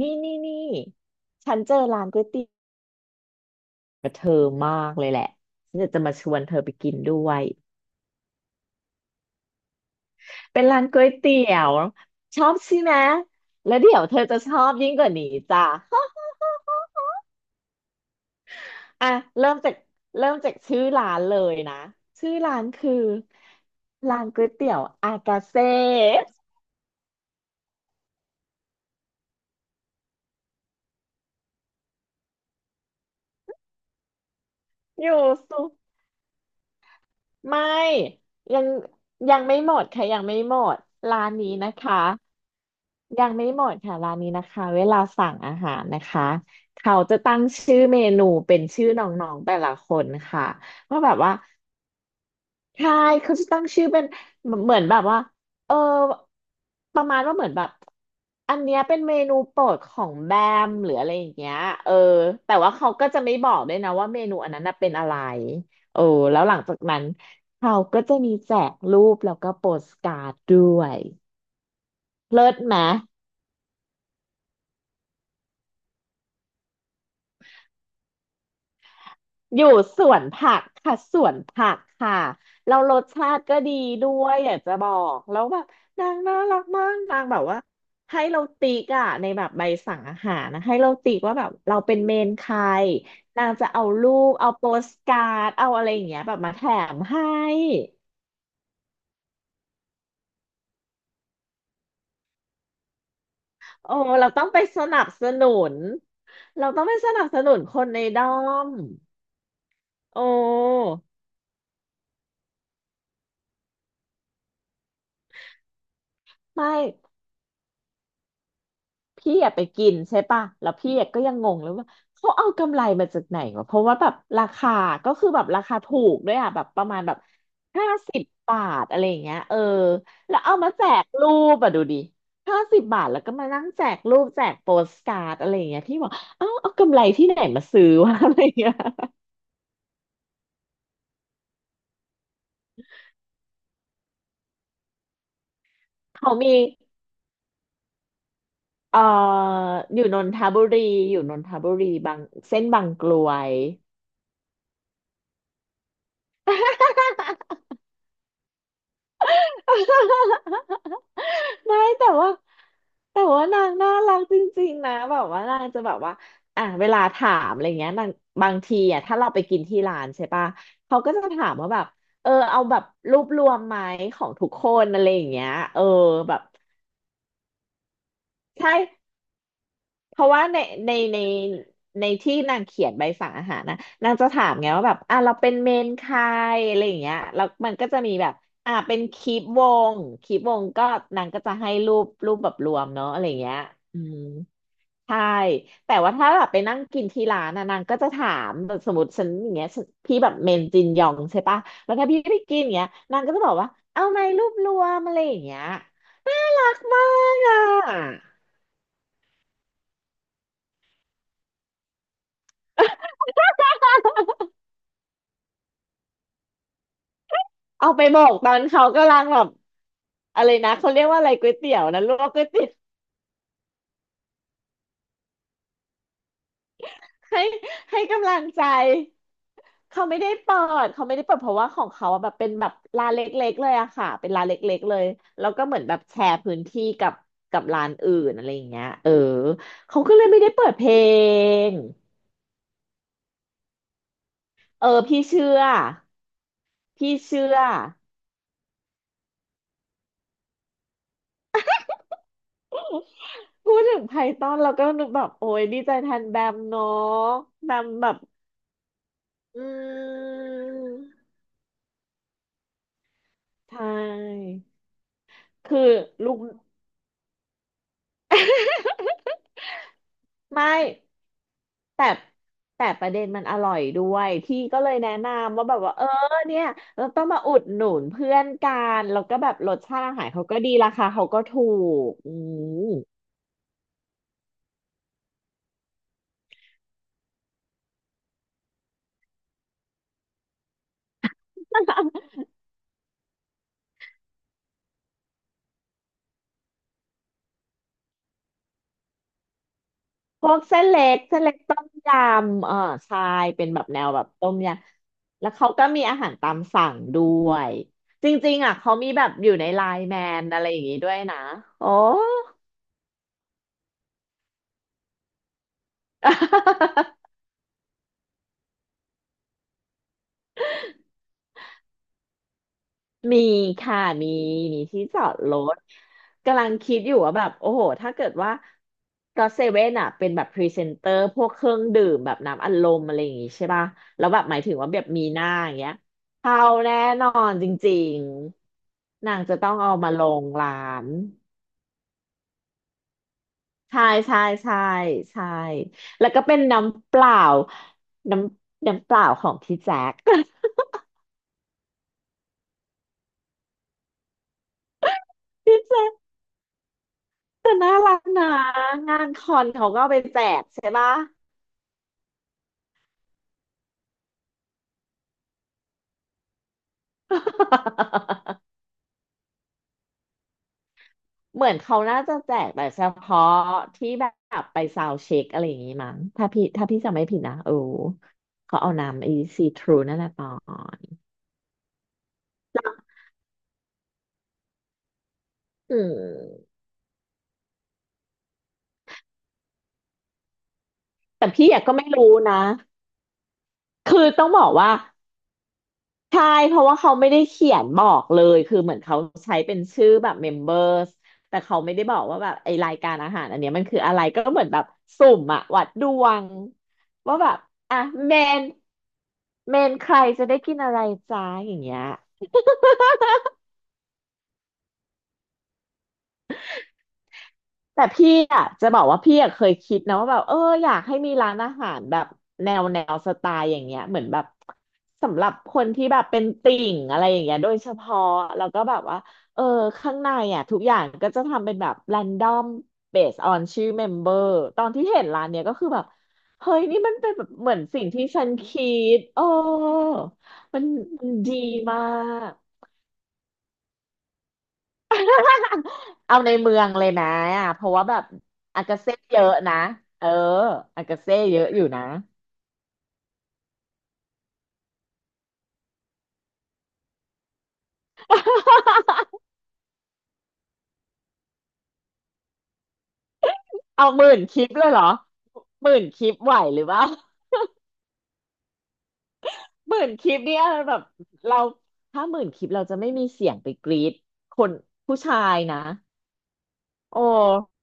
นี่นี่นี่ฉันเจอร้านก๋วยเตี๋ยวกับเธอมากเลยแหละฉันอยากจะมาชวนเธอไปกินด้วยเป็นร้านก๋วยเตี๋ยวชอบใช่ไหมแล้วเดี๋ยวเธอจะชอบยิ่งกว่านี้จ้ะ อ่ะเริ่มจากเริ่มจากชื่อร้านเลยนะชื่อร้านคือร้านก๋วยเตี๋ยวอากาเซ่อยู่สุไม่ยังยังไม่หมดค่ะยังไม่หมดร้านนี้นะคะ ยังไม่หมดค่ะร้านนี้นะคะเวลาสั่งอาหารนะคะเขาจะตั้งชื่อเมนูเป็นชื่อน้องๆแต่ละคนค่ะว่าแบบว่าใช่เขาจะตั้งชื่อเป็นเหมือนแบบว่าเออประมาณว่าเหมือนแบบอันเนี้ยเป็นเมนูโปรดของแบมหรืออะไรอย่างเงี้ยเออแต่ว่าเขาก็จะไม่บอกด้วยนะว่าเมนูอันนั้นน่ะเป็นอะไรโออแล้วหลังจากนั้นเขาก็จะมีแจกรูปแล้วก็โปสการ์ดด้วยเลิศไหม อยู่สวนผักค่ะสวนผักค่ะเรารสชาติก็ดีด้วยอยากจะบอกแล้วแบบนางน่ารักมากนางแบบว่าให้เราติ๊กอะในแบบใบสั่งอาหารนะให้เราติ๊กว่าแบบเราเป็นเมนใครนางจะเอารูปเอาโปสการ์ดเอาอะไรอย่างเงี้ยแบบมาแถมให้โอ้เราต้องไปสนับสนุนเราต้องไปสนับสนุนคนในด้อมโอ้ไม่ พี่อะไปกินใช่ป่ะแล้วพี่อะก็ยังงงเลยว่าเขาเอากำไรมาจากไหนวะเพราะว่าแบบราคาก็คือแบบราคาถูกด้วยอะแบบประมาณแบบห้าสิบบาทอะไรอย่างเงี้ยเออแล้วเอามาแจกรูปอะดูดิห้าสิบบาทแล้วก็มานั่งแจกรูปแจกโปสการ์ดอะไรอย่างเงี้ยพี่บอกเอ้าเอากำไรที่ไหนมาซื้อวะ อะไรอย่างเงี้ยเขามีเอ่ออยู่นนทบุรีอยู่นนทบุรีบางเส้นบางกลวย ไม่แต่ว่าแต่ว่านางน่ารักจริงๆนะแบบว่านางจะแบบว่าอ่ะเวลาถามอะไรเงี้ยนางบางทีอ่ะถ้าเราไปกินที่ร้านใช่ปะเขาก็จะถามว่าแบบเออเอาแบบรูปรวมไหมของทุกคนอะไรอย่างเงี้ยเออแบบใช่ เพราะว่าในในในที่นางเขียนใบสั่งอาหารนะนางจะถามไงว่าแบบอ่ะเราเป็นเมนใครอะไรอย่างเงี้ยแล้วมันก็จะมีแบบอ่ะเป็นคลิปวงคลิปวงก็นางก็จะให้รูปแบบรวมเนาะอะไรอย่างเงี้ยอืมใช่แต่ว่าถ้าแบบไปนั่งกินที่ร้านนะนางก็จะถามแบบสมมติฉันอย่างเงี้ยฉันพี่แบบเมนจินยองใช่ปะแล้วถ้าพี่ไปกินอย่างเงี้ยนางก็จะบอกว่าเอาไหมรูปรวมอะไรอย่างเงี้ยน่ารักมากอ่ะ เอาไปบอกตอนเขากำลังแบบอะไรนะเขาเรียกว่าอะไรก๋วยเตี๋ยวนะลวกก๋วยเตี๋ยวให้ให้กำลังใจเขาไม่ได้เปิดเขาไม่ได้เปิดเพราะว่าของเขาอะแบบเป็นแบบร้านเล็กๆเลยอะค่ะเป็นร้านเล็กๆเลยแล้วก็เหมือนแบบแชร์พื้นที่กับกับร้านอื่นอะไรอย่างเงี้ยเออเขาก็เลยไม่ได้เปิดเพลงเออพี่เชื่อพี่เชื่อพูดถึงไพทอนเราก็นึกแบบโอ้ยดีใจแทนแบมเนาะแบมแบบอืม ใช่ คือลูก ไม่แต่แต่ประเด็นมันอร่อยด้วยพี่ก็เลยแนะนำว่าแบบว่าเออเนี่ยเราต้องมาอุดหนุนเพื่อนกันแล้วก็แบบรสชาติอาหารเขาก็ดีราคาเขาก็ถูกอืมพวกเส้นเล็กเส้นเล็กต้มยำเออใช่เป็นแบบแนวแบบต้มยำแล้วเขาก็มีอาหารตามสั่งด้วยจริงๆอ่ะเขามีแบบอยู่ในไลน์แมนอะไรอย่างงี้ด้วยนะโอ้ มีค่ะมีที่จอดรถกำลังคิดอยู่ว่าแบบโอ้โหถ้าเกิดว่าก็เซเว่นอ่ะเป็นแบบพรีเซนเตอร์พวกเครื่องดื่มแบบน้ำอัดลมอะไรอย่างงี้ใช่ป่ะแล้วแบบหมายถึงว่าแบบมีหน้าอย่างเงี้ยเข้าแน่นอนจริงๆนางจะต้องเอามาลงร้านใช่ใช่ใช่ใช่แล้วก็เป็นน้ำเปล่าน้น้ำเปล่าของพี่แจ๊ค พี่แจ๊คแต่น่ารักนะงานคอนเขาก็เอาไปแจกใช่ปะ เหมือนเขาน่าจะแจกแต่เฉพาะที่แบบไปซาวด์เช็คอะไรอย่างงี้มั้งถ้าพี่จำไม่ผิดนะเออเขาเอาน้ำไอซีทรูนั่นแหละปอนอืมแต่พี่อยากก็ไม่รู้นะคือต้องบอกว่า ใช่เพราะว่าเขาไม่ได้เขียนบอกเลยคือเหมือนเขาใช้เป็นชื่อแบบเมมเบอร์สแต่เขาไม่ได้บอกว่าแบบไอรายการอาหารอันเนี้ยมันคืออะไรก็เหมือนแบบสุ่มอะวัดดวงว่าแบบอ่ะเมนเมนใครจะได้กินอะไรจ้าอย่างเงี้ย แต่พี่อ่ะจะบอกว่าพี่อ่ะเคยคิดนะว่าแบบอยากให้มีร้านอาหารแบบแนวสไตล์อย่างเงี้ยเหมือนแบบสำหรับคนที่แบบเป็นติ่งอะไรอย่างเงี้ยโดยเฉพาะแล้วก็แบบว่าเออข้างในอ่ะทุกอย่างก็จะทำเป็นแบบแรนดอมเบสออนชื่อเมมเบอร์ตอนที่เห็นร้านเนี้ยก็คือแบบเฮ้ยนี่มันเป็นแบบเหมือนสิ่งที่ฉันคิดโอ้มันมันดีมาก เอาในเมืองเลยนะอ่ะเพราะว่าแบบอากาเซ่เยอะนะเอออากาเซ่เยอะอยู่นะเอาหมื่นคลิปเลยเหรอหมื่นคลิปไหวหรือเปล่า 10,000 คลิปเนี่ยแบบเราถ้าหมื่นคลิปเราจะไม่มีเสียงไปกรีดคนผู้ชายนะโอ้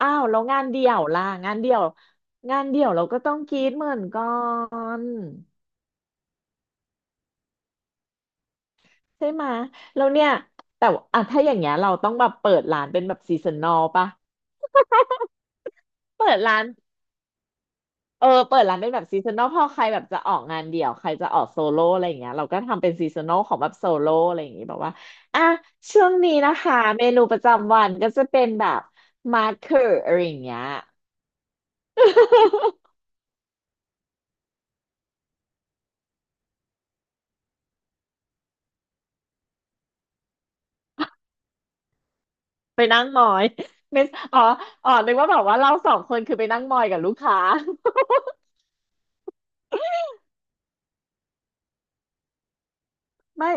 อ้าวแล้วงานเดี่ยวล่ะงานเดี่ยวงานเดี่ยวเราก็ต้องกรีดเหมือนกันใช่ไหมะแล้วเนี่ยแต่ว่าอ่ะถ้าอย่างเงี้ยเราต้องแบบเปิดร้านเป็นแบบซีซันนอลปะเปิดร้าน เออเปิดร้านเป็นแบบซีซันนลพอใครแบบจะออกงานเดี่ยวใครจะออกโซโล่อะไรอย่างเงี้ยเราก็ทำเป็นซีซันนอลของแบบโซโล่อะไรอย่างงี้แบบว่าอ่ะช่วงนี้นะคะเมนูประจำวันก็จะเป็นแบบมาร์เกอร์อะไรอย่างเงี้ย ไปนั่งมอย ไม่อ๋ออ๋อนึกว่าแบบว่าเราสองคนคือไปนั่งมอยกับลูกค้า ไม่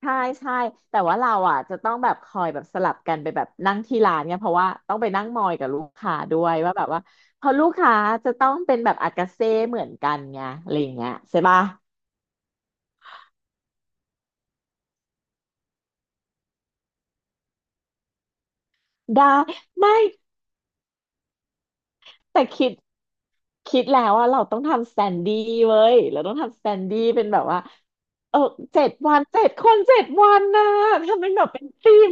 ใช่ใช่แต่ว่าเราอ่ะจะต้องแบบคอยแบบสลับกันไปแบบนั่งที่ร้านเนี่ยเพราะว่าต้องไปนั่งมอยกับลูกค้าด้วยว่าแบบว่าเพอลูกค้าจะต้องเป็นแบบอากาเซ่เหมือนกันไงอะไรอย่างเงี้ยใช่ปะได้ไม่แต่คิดแล้วว่าเราต้องทำสแตนดี้เว้ยเราต้องทำสแตนดี้เป็นแบบว่าเออ7 วัน 7 คน 7 วันนะทำเป็นแบบเป็นทีม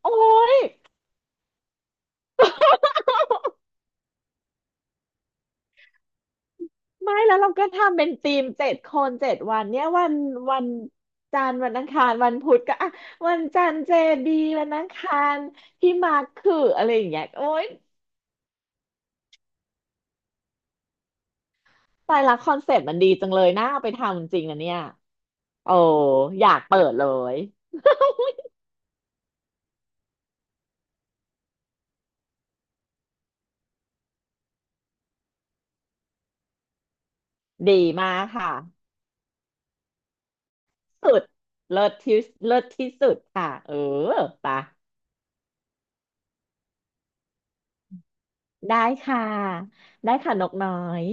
โอ้ย ไม่แล้วเราก็ทำเป็นทีมเจ็ดคนเจ็ดวันเนี่ยวันวันจันทร์วันอังคารวันพุธก็อ่ะวันจันทร์เจดีวันอังคารพี่มาร์คคืออะไรอย่างเงี้ยโอ๊ยตายละคอนเซ็ปต์มันดีจังเลยน่าเอาไปทำจริงนะเนี่ยโอ้อยากเปิดเลยดีมากค่ะสุดเลิศที่เลิศที่สุดค่ะเออปะได้ค่ะได้ค่ะนกน้อย